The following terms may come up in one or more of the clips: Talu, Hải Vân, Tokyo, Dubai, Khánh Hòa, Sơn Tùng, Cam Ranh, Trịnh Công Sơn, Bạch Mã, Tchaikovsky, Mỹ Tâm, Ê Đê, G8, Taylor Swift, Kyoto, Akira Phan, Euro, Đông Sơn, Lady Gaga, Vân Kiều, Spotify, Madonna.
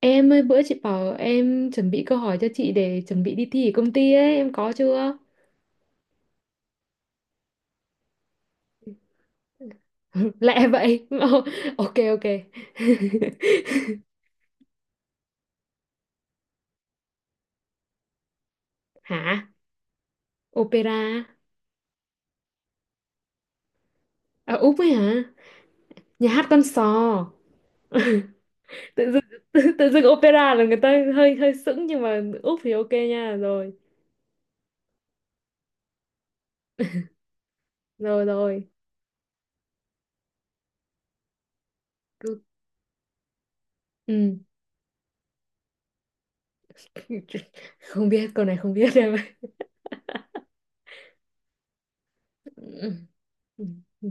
Em ơi bữa chị bảo em chuẩn bị câu hỏi cho chị để chuẩn bị đi thi ở công ty ấy, em có chưa? Lẹ vậy. Ờ, ok ok. Hả? Opera. À, Úc ấy hả? Nhà hát con sò. Tự dưng tự dưng opera là người ta hơi hơi sững nhưng mà Úc thì ok nha. Rồi. Rồi rồi. Cứ- Ừ. Không biết câu này không biết em ơi. Ừ. Ừ.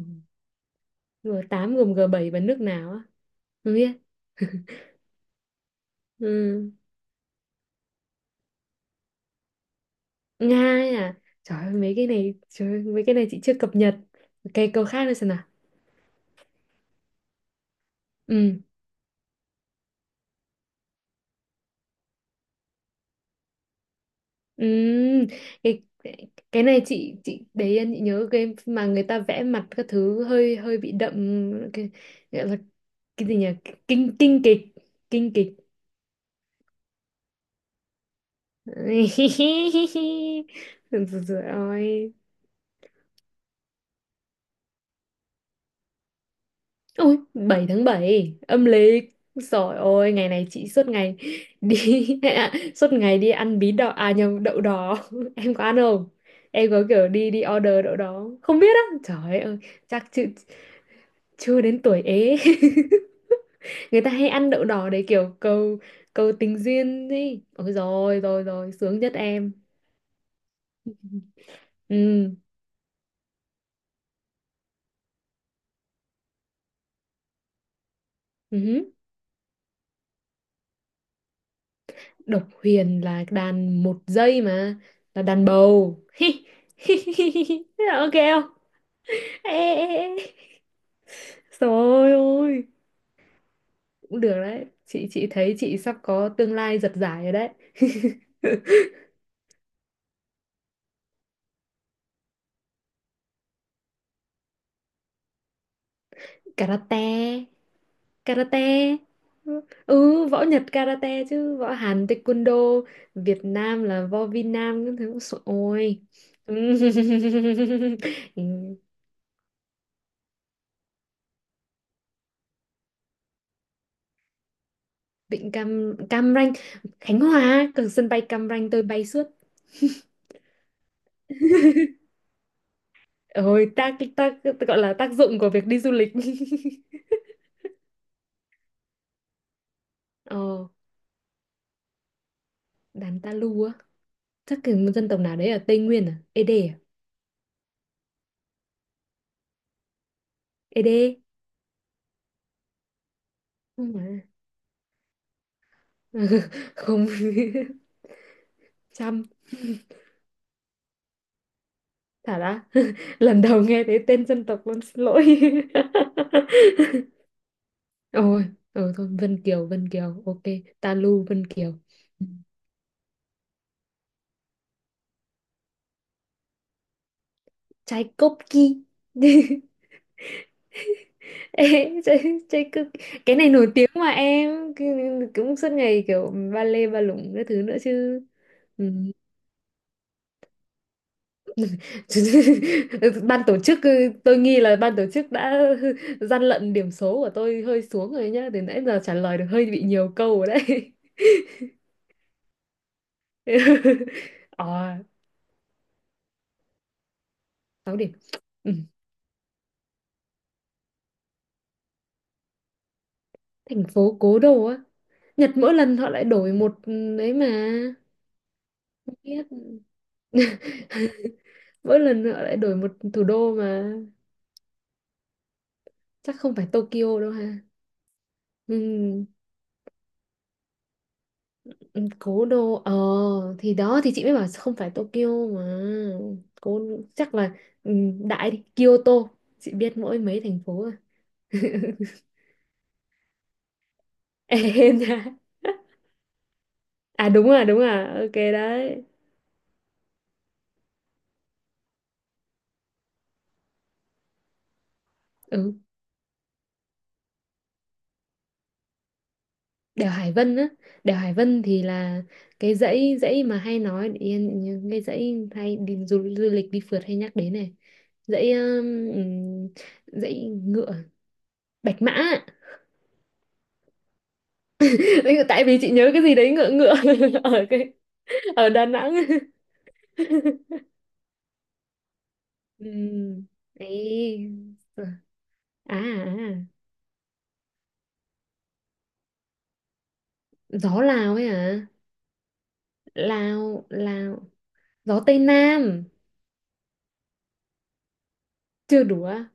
G8 gồm g bảy và nước nào á? Không biết. Ừ. Nga ấy à, trời ơi, mấy cái này trời ơi, mấy cái này chị chưa cập nhật cái câu khác nữa xem nào. Ừ ừ. Cái này chị để yên chị nhớ game mà người ta vẽ mặt các thứ hơi hơi bị đậm cái gọi là cái gì nhỉ, kinh kinh kịch, kinh kịch. Rồi. Ôi, 7 tháng 7 âm lịch. Rồi ôi, ngày này chị suốt ngày đi. Suốt ngày đi ăn bí đỏ, à nhầm, đậu đỏ. Em có ăn không? Em có kiểu đi đi order đậu đỏ không? Không biết á. Trời ơi, chắc chưa, chưa đến tuổi ế. Người ta hay ăn đậu đỏ để kiểu cầu cầu tình duyên đi. Ôi rồi, rồi rồi, sướng nhất em. Ừ. Ừ. Độc huyền là đàn một giây mà, là đàn bầu. Ok không? Ê, ê, ê. Trời ơi, cũng được đấy. Chị thấy chị sắp có tương lai giật giải rồi đấy. Karate, karate. Ừ, võ Nhật karate chứ, võ Hàn taekwondo, Việt Nam là võ Việt Nam các thứ. Sợ- Ôi. Ừ. Vịnh Cam Cam Ranh, Khánh Hòa, cực sân bay Cam Ranh tôi bay suốt. Ôi tác tác gọi là tác dụng của việc đi du lịch. Ờ, đàn ta lu á. Chắc cái một dân tộc nào đấy ở Tây Nguyên, à Ê đê à. Ê đê không mà. Không. Chăm thả ra. Lần đầu nghe thấy tên dân tộc luôn, xin lỗi. Ôi, ừ, thôi Vân Kiều Vân Kiều ok. Talu Vân Kiều. Ừ. Tchaikovsky. Ê, Tchaikovsky cái này nổi tiếng mà em. Cứ- cũng suốt ngày kiểu ba lê ba lủng cái thứ nữa chứ. Ừ. Ban tổ chức, ừ, tôi nghi là ban tổ chức đã gian lận điểm số của tôi hơi xuống rồi nhá, từ nãy giờ trả lời được hơi bị nhiều câu rồi đấy. Ờ, 6 điểm. Ừ. Thành phố cố đô á. Nhật mỗi lần họ lại đổi một đấy mà. Không biết. Mỗi lần họ lại đổi một thủ đô mà. Chắc không phải Tokyo đâu ha. Ừ. Ừ, cố đô, ờ thì đó thì chị mới bảo không phải Tokyo mà. Cố chắc là, ừ, đại đi Kyoto. Chị biết mỗi mấy thành phố à. Em nha. À đúng à đúng à, ok đấy. Ừ. Đèo Hải Vân á. Đèo Hải Vân thì là cái dãy dãy mà hay nói yên những cái dãy hay đi du lịch đi phượt hay nhắc đến này. Dãy dãy ngựa, Bạch Mã. Tại vì chị nhớ cái gì đấy ngựa ngựa ở cái ở Đà Nẵng. Ừ ấy. À, à, gió Lào ấy à. Lào Lào, gió Tây Nam. Chưa đủ à?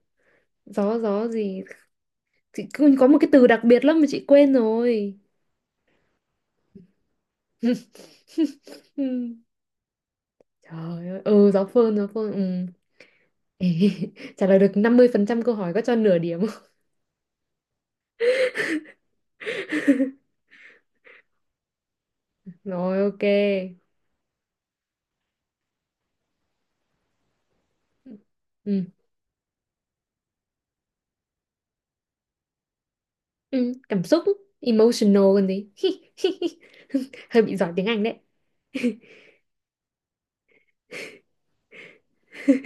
Gió gió gì, chị cứ có một cái từ đặc biệt lắm mà chị quên rồi. Ừ. Trời ơi, ừ, gió phơn, gió phơn, ừ. Trả lời được năm mươi phần trăm câu hỏi có cho nửa điểm không? Rồi ok. Ừ. Ừ. Cảm xúc, emotional còn gì. Hơi bị giỏi tiếng Anh đấy.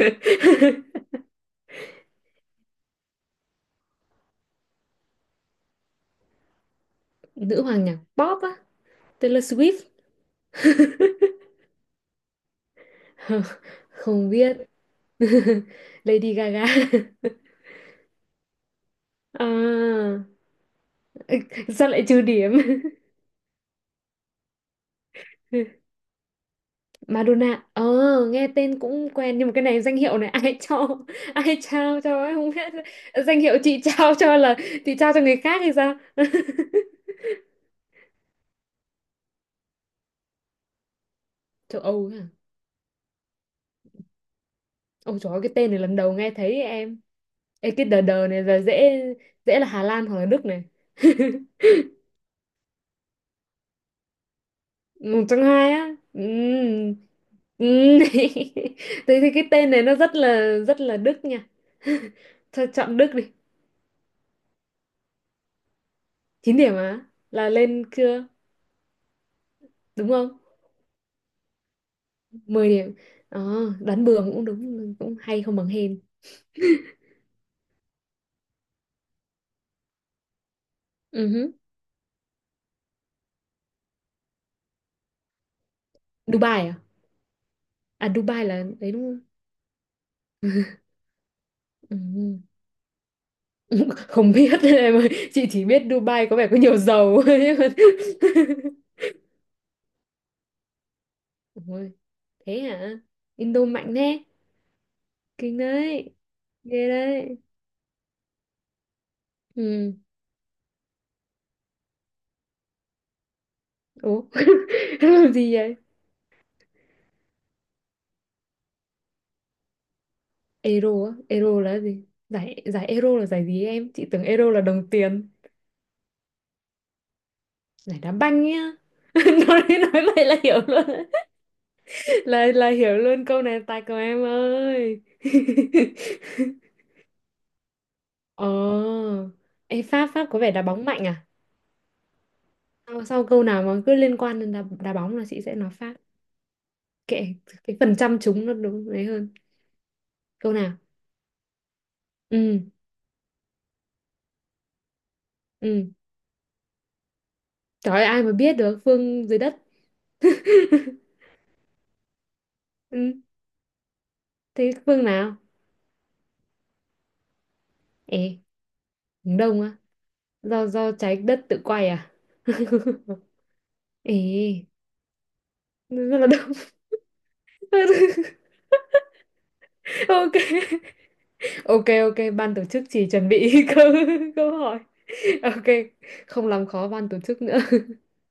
Nữ hoàng nhạc pop á, Taylor Swift. Không biết. Lady Gaga. À, sao lại trừ điểm. Madonna, ờ, nghe tên cũng quen nhưng mà cái này danh hiệu này ai cho. Ai trao cho ấy, không biết. Danh hiệu chị trao cho là chị trao cho người khác hay sao. Châu Âu ấy à. Ôi trời ơi, cái tên này lần đầu nghe thấy em. Ê, cái đờ đờ này là dễ, dễ là Hà Lan hoặc là Đức này. Một trong hai á, ừ. Ừ. Tôi thấy cái tên này nó rất là Đức nha. Thôi chọn Đức đi. Chín điểm á, là lên chưa? Đúng không? Mười điểm. Ờ, đoán bừa cũng đúng, cũng hay không bằng hên. Ừ hứ. Dubai à? À Dubai là đấy đúng không? Ừ. Không biết em ơi, chị chỉ biết Dubai có vẻ có nhiều dầu ấy. Ôi, thế hả? Indo mạnh thế. Kinh đấy. Ghê đấy. Ừ. Ủa, làm gì vậy? Euro á, Euro là cái gì, giải giải Euro là giải gì em, chị tưởng Euro là đồng tiền. Giải đá banh nhá. nói nói vậy là hiểu luôn á. Là hiểu luôn câu này tài của em ơi. Ồ, ê, Pháp Pháp có vẻ đá bóng mạnh à? Sau, sau câu nào mà cứ liên quan đến đá, đá bóng là chị sẽ nói Pháp. Kệ, cái phần trăm trúng nó đúng đấy hơn. Câu nào? Ừ. Ừ. Trời ơi, ai mà biết được phương dưới đất. Ừ, thế phương nào? Ê, hướng đông á. Do do trái đất tự quay à. Ê, rất là đông. Ok ok, ok ban tổ chức chỉ chuẩn bị câu câu hỏi, ok, không làm khó ban tổ chức nữa.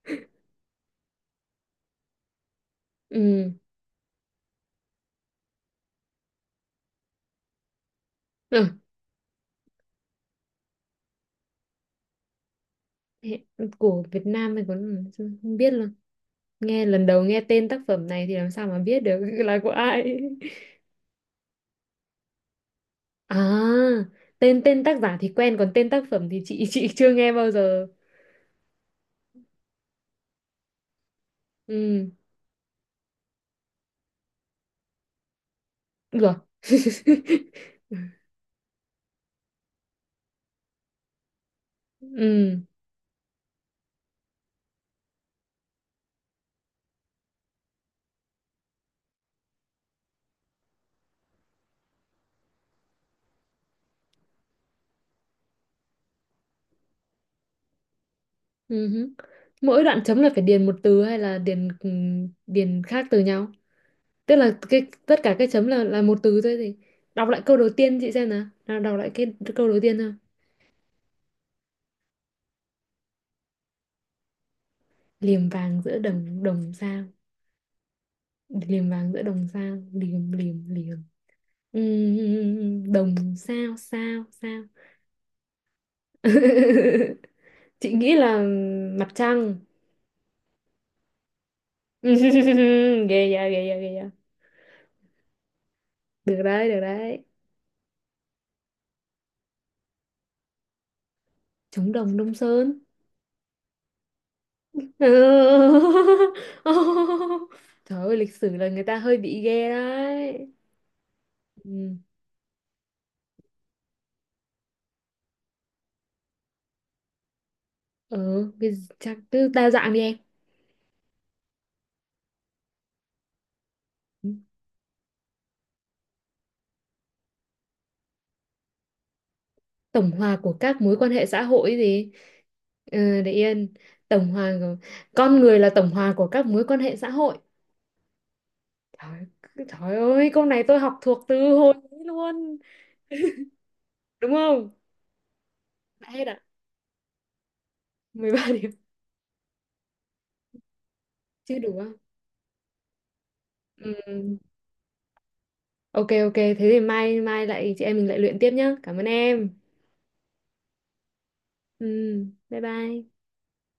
Ừ. Ừ. Của Việt Nam mình còn không biết luôn, nghe lần đầu nghe tên tác phẩm này thì làm sao mà biết được là của ai. À, tên tên tác giả thì quen còn tên tác phẩm thì chị chưa nghe bao giờ. Ừ, được. Ừ. Ừ hứ. Mỗi đoạn chấm là phải điền một từ hay là điền điền khác từ nhau? Tức là cái tất cả cái chấm là một từ thôi thì đọc lại câu đầu tiên chị xem nào. Nào đọc lại cái câu đầu tiên thôi. Liềm vàng giữa đồng đồng sao? Liềm vàng giữa đồng sao? Liềm liềm liềm. Đồng sao sao sao? Chị nghĩ là mặt trăng. Ghê yeah, ghê yeah, ghê yeah. Được đấy, được đấy. Trống đồng Đông Sơn. Ừ. Trời ơi, lịch sử là người ta hơi bị ghê đấy. Ừ, ờ, cái chắc cứ đa dạng đi em. Ừ. Tổng hòa của các mối quan hệ xã hội gì? Ờ, để yên. Tổng hòa của... Con người là tổng hòa của các mối quan hệ xã hội. Trời, trời ơi, câu này tôi học thuộc từ hồi ấy luôn. Đúng không? Đã hết ạ. 13 điểm. Chưa đủ không? Ừ. Ok, ok. Thế thì mai mai lại chị em mình lại luyện tiếp nhá. Cảm ơn em. Ừ, bye bye.